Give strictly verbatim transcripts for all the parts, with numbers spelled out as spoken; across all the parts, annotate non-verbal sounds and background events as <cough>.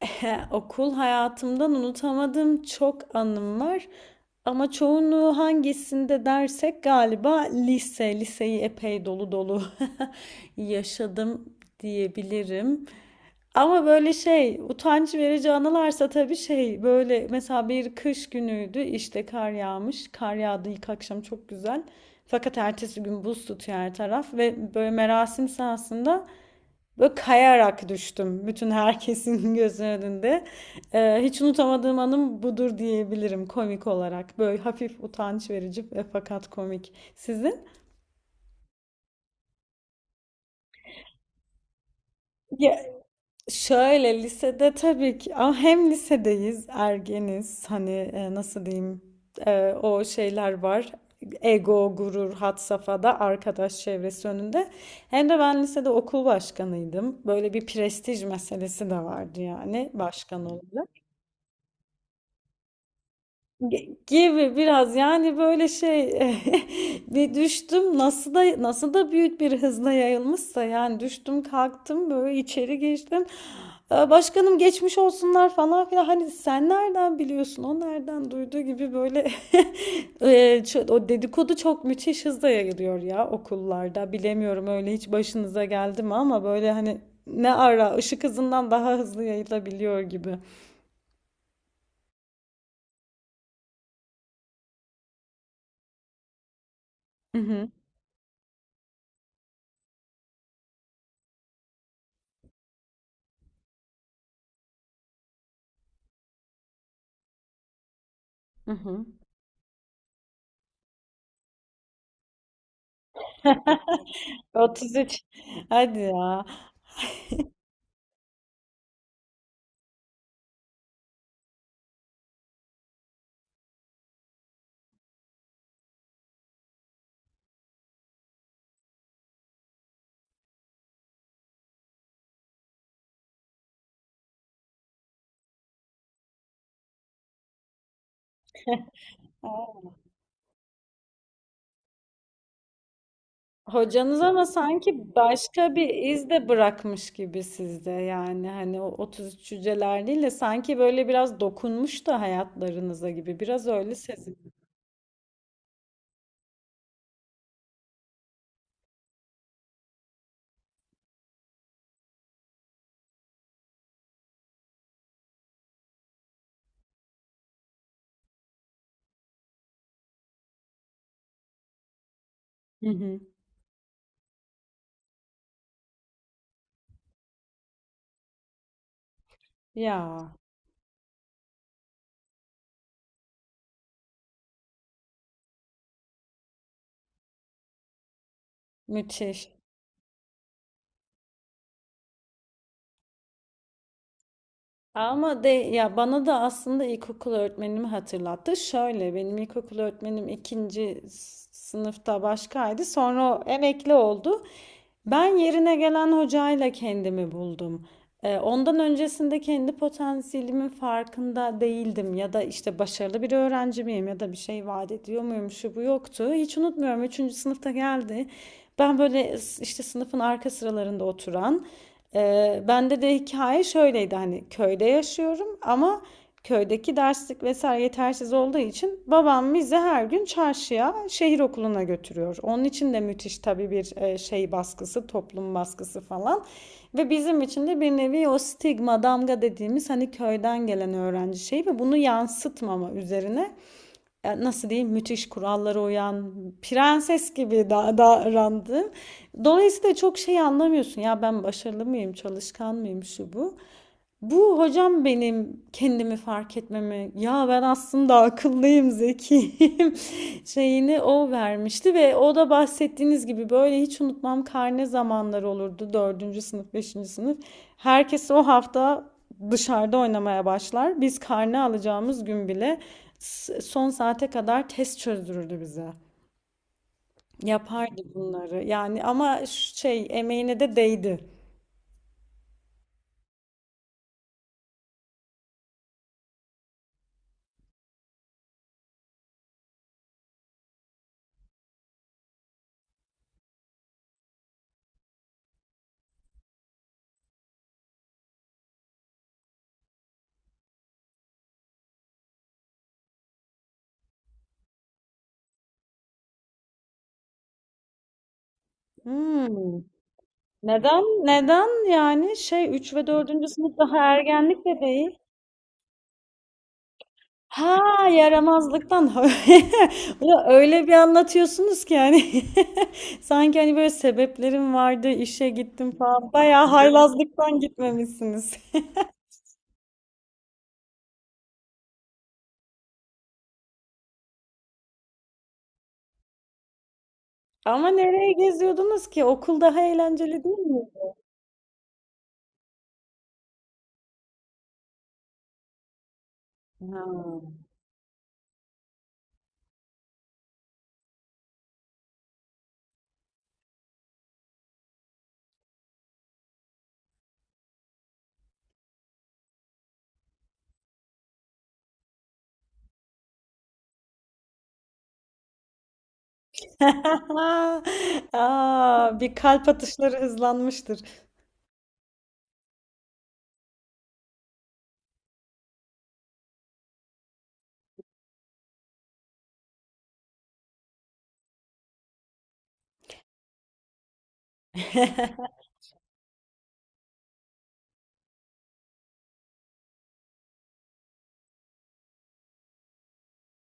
<laughs> Okul hayatımdan unutamadığım çok anım var. Ama çoğunluğu hangisinde dersek galiba lise. Liseyi epey dolu dolu <laughs> yaşadım diyebilirim. Ama böyle şey utanç verici anılarsa tabii şey böyle mesela bir kış günüydü işte kar yağmış. Kar yağdı ilk akşam çok güzel. Fakat ertesi gün buz tutuyor her taraf ve böyle merasim sahasında böyle kayarak düştüm bütün herkesin <laughs> gözünün önünde. Ee, hiç unutamadığım anım budur diyebilirim komik olarak. Böyle hafif utanç verici ve fakat komik. Sizin? Ya, şöyle lisede tabii ki ama hem lisedeyiz, ergeniz. Hani e, nasıl diyeyim? E, o şeyler var. Ego, gurur, had safhada arkadaş çevresi önünde. Hem de ben lisede okul başkanıydım. Böyle bir prestij meselesi de vardı yani başkan olmak. Ge- Gibi biraz yani böyle şey. <laughs> Bir düştüm nasıl da nasıl da büyük bir hızla yayılmışsa yani düştüm kalktım böyle içeri geçtim. "Aa, Başkanım geçmiş olsunlar" falan filan, hani sen nereden biliyorsun, o nereden duyduğu gibi böyle. <laughs> E, ço- o dedikodu çok müthiş hızla yayılıyor ya okullarda, bilemiyorum, öyle hiç başınıza geldi mi ama böyle hani ne ara ışık hızından daha hızlı yayılabiliyor gibi. Hı hı. Hı hı. <laughs> otuz üç. Hadi ya. Aa. Hocanız ama sanki başka bir iz de bırakmış gibi sizde. Yani hani o otuz üç cüceler değil de sanki böyle biraz dokunmuş da hayatlarınıza gibi. Biraz öyle sezin. Hı hı. Ya müthiş. Ama de ya bana da aslında ilkokul öğretmenimi hatırlattı. Şöyle benim ilkokul öğretmenim ikinci s- sınıfta başkaydı. Sonra o emekli oldu. Ben yerine gelen hocayla kendimi buldum. Ee, Ondan öncesinde kendi potansiyelimin farkında değildim ya da işte başarılı bir öğrenci miyim ya da bir şey vaat ediyor muyum şu bu yoktu. Hiç unutmuyorum, üçüncü sınıfta geldi. Ben böyle işte sınıfın arka sıralarında oturan. E, bende de hikaye şöyleydi, hani köyde yaşıyorum ama köydeki derslik vesaire yetersiz olduğu için babam bizi her gün çarşıya, şehir okuluna götürüyor. Onun için de müthiş tabii bir e, şey baskısı, toplum baskısı falan. Ve bizim için de bir nevi o stigma, damga dediğimiz hani köyden gelen öğrenci şeyi ve bunu yansıtmama üzerine e, nasıl diyeyim, müthiş kurallara uyan prenses gibi davrandım. davrandığım. Dolayısıyla çok şey anlamıyorsun. Ya ben başarılı mıyım, çalışkan mıyım, şu bu. Bu hocam benim kendimi fark etmemi, ya ben aslında akıllıyım zekiyim <laughs> şeyini o vermişti ve o da bahsettiğiniz gibi böyle hiç unutmam, karne zamanları olurdu, dördüncü sınıf beşinci sınıf herkes o hafta dışarıda oynamaya başlar, biz karne alacağımız gün bile son saate kadar test çözdürürdü bize, yapardı bunları yani. Ama şey, emeğine de değdi. Hmm. Neden? Neden yani, şey, üç ve dördüncü sınıf daha ergenlik de değil. Ha, yaramazlıktan. <laughs> Ulan öyle bir anlatıyorsunuz ki yani <laughs> sanki hani böyle sebeplerim vardı, işe gittim falan, bayağı haylazlıktan gitmemişsiniz. <laughs> Ama nereye geziyordunuz ki? Okul daha eğlenceli değil mi? Ha. <laughs> Aa, bir kalp atışları hızlanmıştır. <laughs>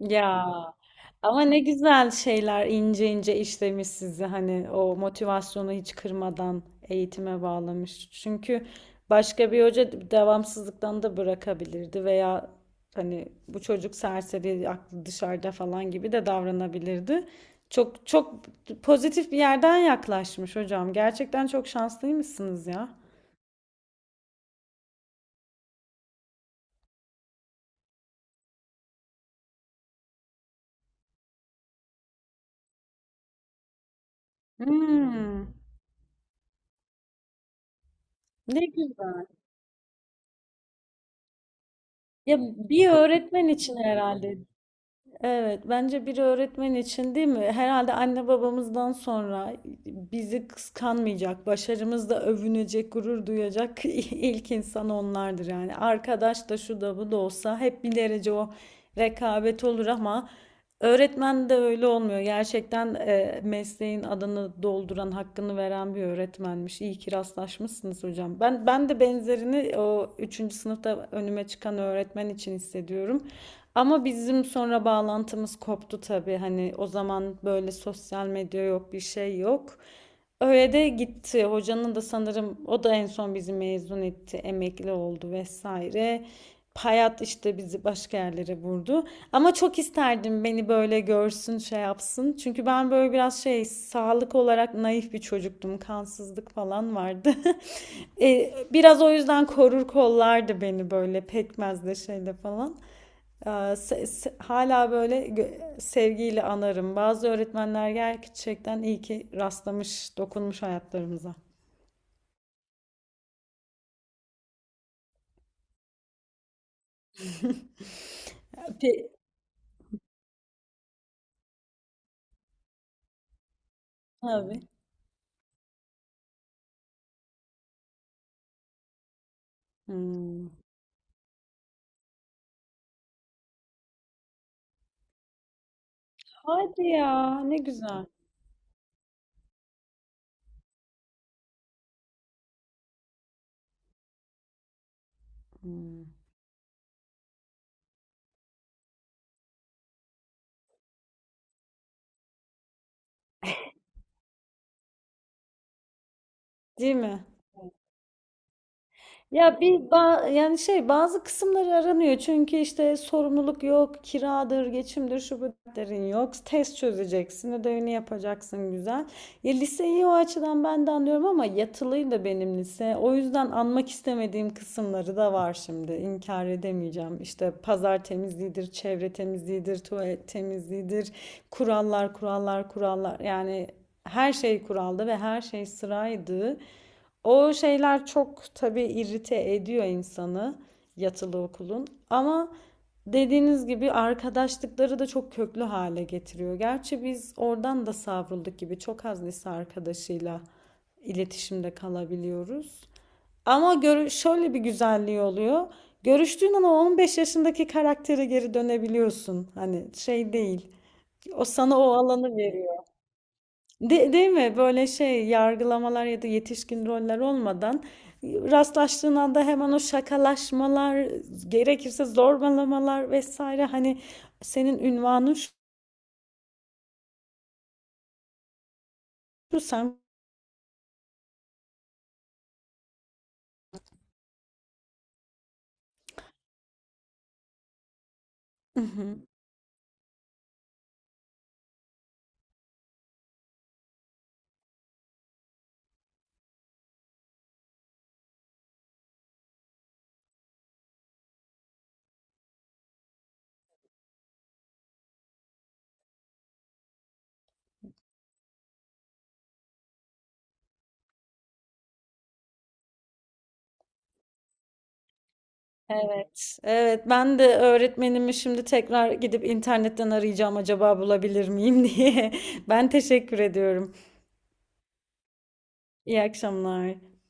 Ya ama ne güzel şeyler, ince ince işlemiş sizi hani o motivasyonu hiç kırmadan eğitime bağlamış. Çünkü başka bir hoca devamsızlıktan da bırakabilirdi veya hani bu çocuk serseri, aklı dışarıda falan gibi de davranabilirdi. Çok çok pozitif bir yerden yaklaşmış hocam. Gerçekten çok şanslıymışsınız ya. Hmm, ne güzel. Ya bir öğretmen için herhalde. Evet, bence bir öğretmen için, değil mi? Herhalde anne babamızdan sonra bizi kıskanmayacak, başarımızla övünecek, gurur duyacak <laughs> ilk insan onlardır yani. Arkadaş da şu da bu da olsa hep bir derece o rekabet olur ama öğretmen de öyle olmuyor. Gerçekten e, mesleğin adını dolduran, hakkını veren bir öğretmenmiş. İyi ki rastlaşmışsınız hocam. Ben ben de benzerini o üçüncü sınıfta önüme çıkan öğretmen için hissediyorum. Ama bizim sonra bağlantımız koptu tabii. Hani o zaman böyle sosyal medya yok, bir şey yok. Öyle de gitti. Hocanın da sanırım o da en son bizi mezun etti, emekli oldu vesaire. Hayat işte bizi başka yerlere vurdu. Ama çok isterdim beni böyle görsün, şey yapsın. Çünkü ben böyle biraz şey, sağlık olarak naif bir çocuktum. Kansızlık falan vardı. <laughs> E, biraz o yüzden korur kollardı beni böyle pekmezle şeyle falan. Ee, Hala böyle sevgiyle anarım. Bazı öğretmenler gerçekten iyi ki rastlamış, dokunmuş hayatlarımıza. <laughs> Pe- Tabii. Hmm. Hadi ya, ne güzel. Hmm. Değil mi? Ya bir ba- yani şey, bazı kısımları aranıyor çünkü işte sorumluluk yok, kiradır, geçimdir, şu bu derin yok. Test çözeceksin, ödevini yapacaksın, güzel. Ya liseyi o açıdan ben de anlıyorum ama yatılıydı benim lise. O yüzden anmak istemediğim kısımları da var şimdi. İnkar edemeyeceğim. İşte pazar temizliğidir, çevre temizliğidir, tuvalet temizliğidir. Kurallar, kurallar, kurallar. Yani her şey kuraldı ve her şey sıraydı. O şeyler çok tabii irrite ediyor insanı, yatılı okulun. Ama dediğiniz gibi arkadaşlıkları da çok köklü hale getiriyor. Gerçi biz oradan da savrulduk gibi, çok az lise arkadaşıyla iletişimde kalabiliyoruz. Ama görü- şöyle bir güzelliği oluyor. Görüştüğün an o on beş yaşındaki karaktere geri dönebiliyorsun. Hani şey değil. O sana o alanı veriyor. De, değil mi? Böyle şey yargılamalar ya da yetişkin roller olmadan rastlaştığın anda hemen o şakalaşmalar, gerekirse zorbalamalar vesaire, hani senin ünvanın şu sen. Hı hı. Evet, evet. Ben de öğretmenimi şimdi tekrar gidip internetten arayacağım acaba bulabilir miyim <laughs> diye. Ben teşekkür ediyorum. İyi akşamlar.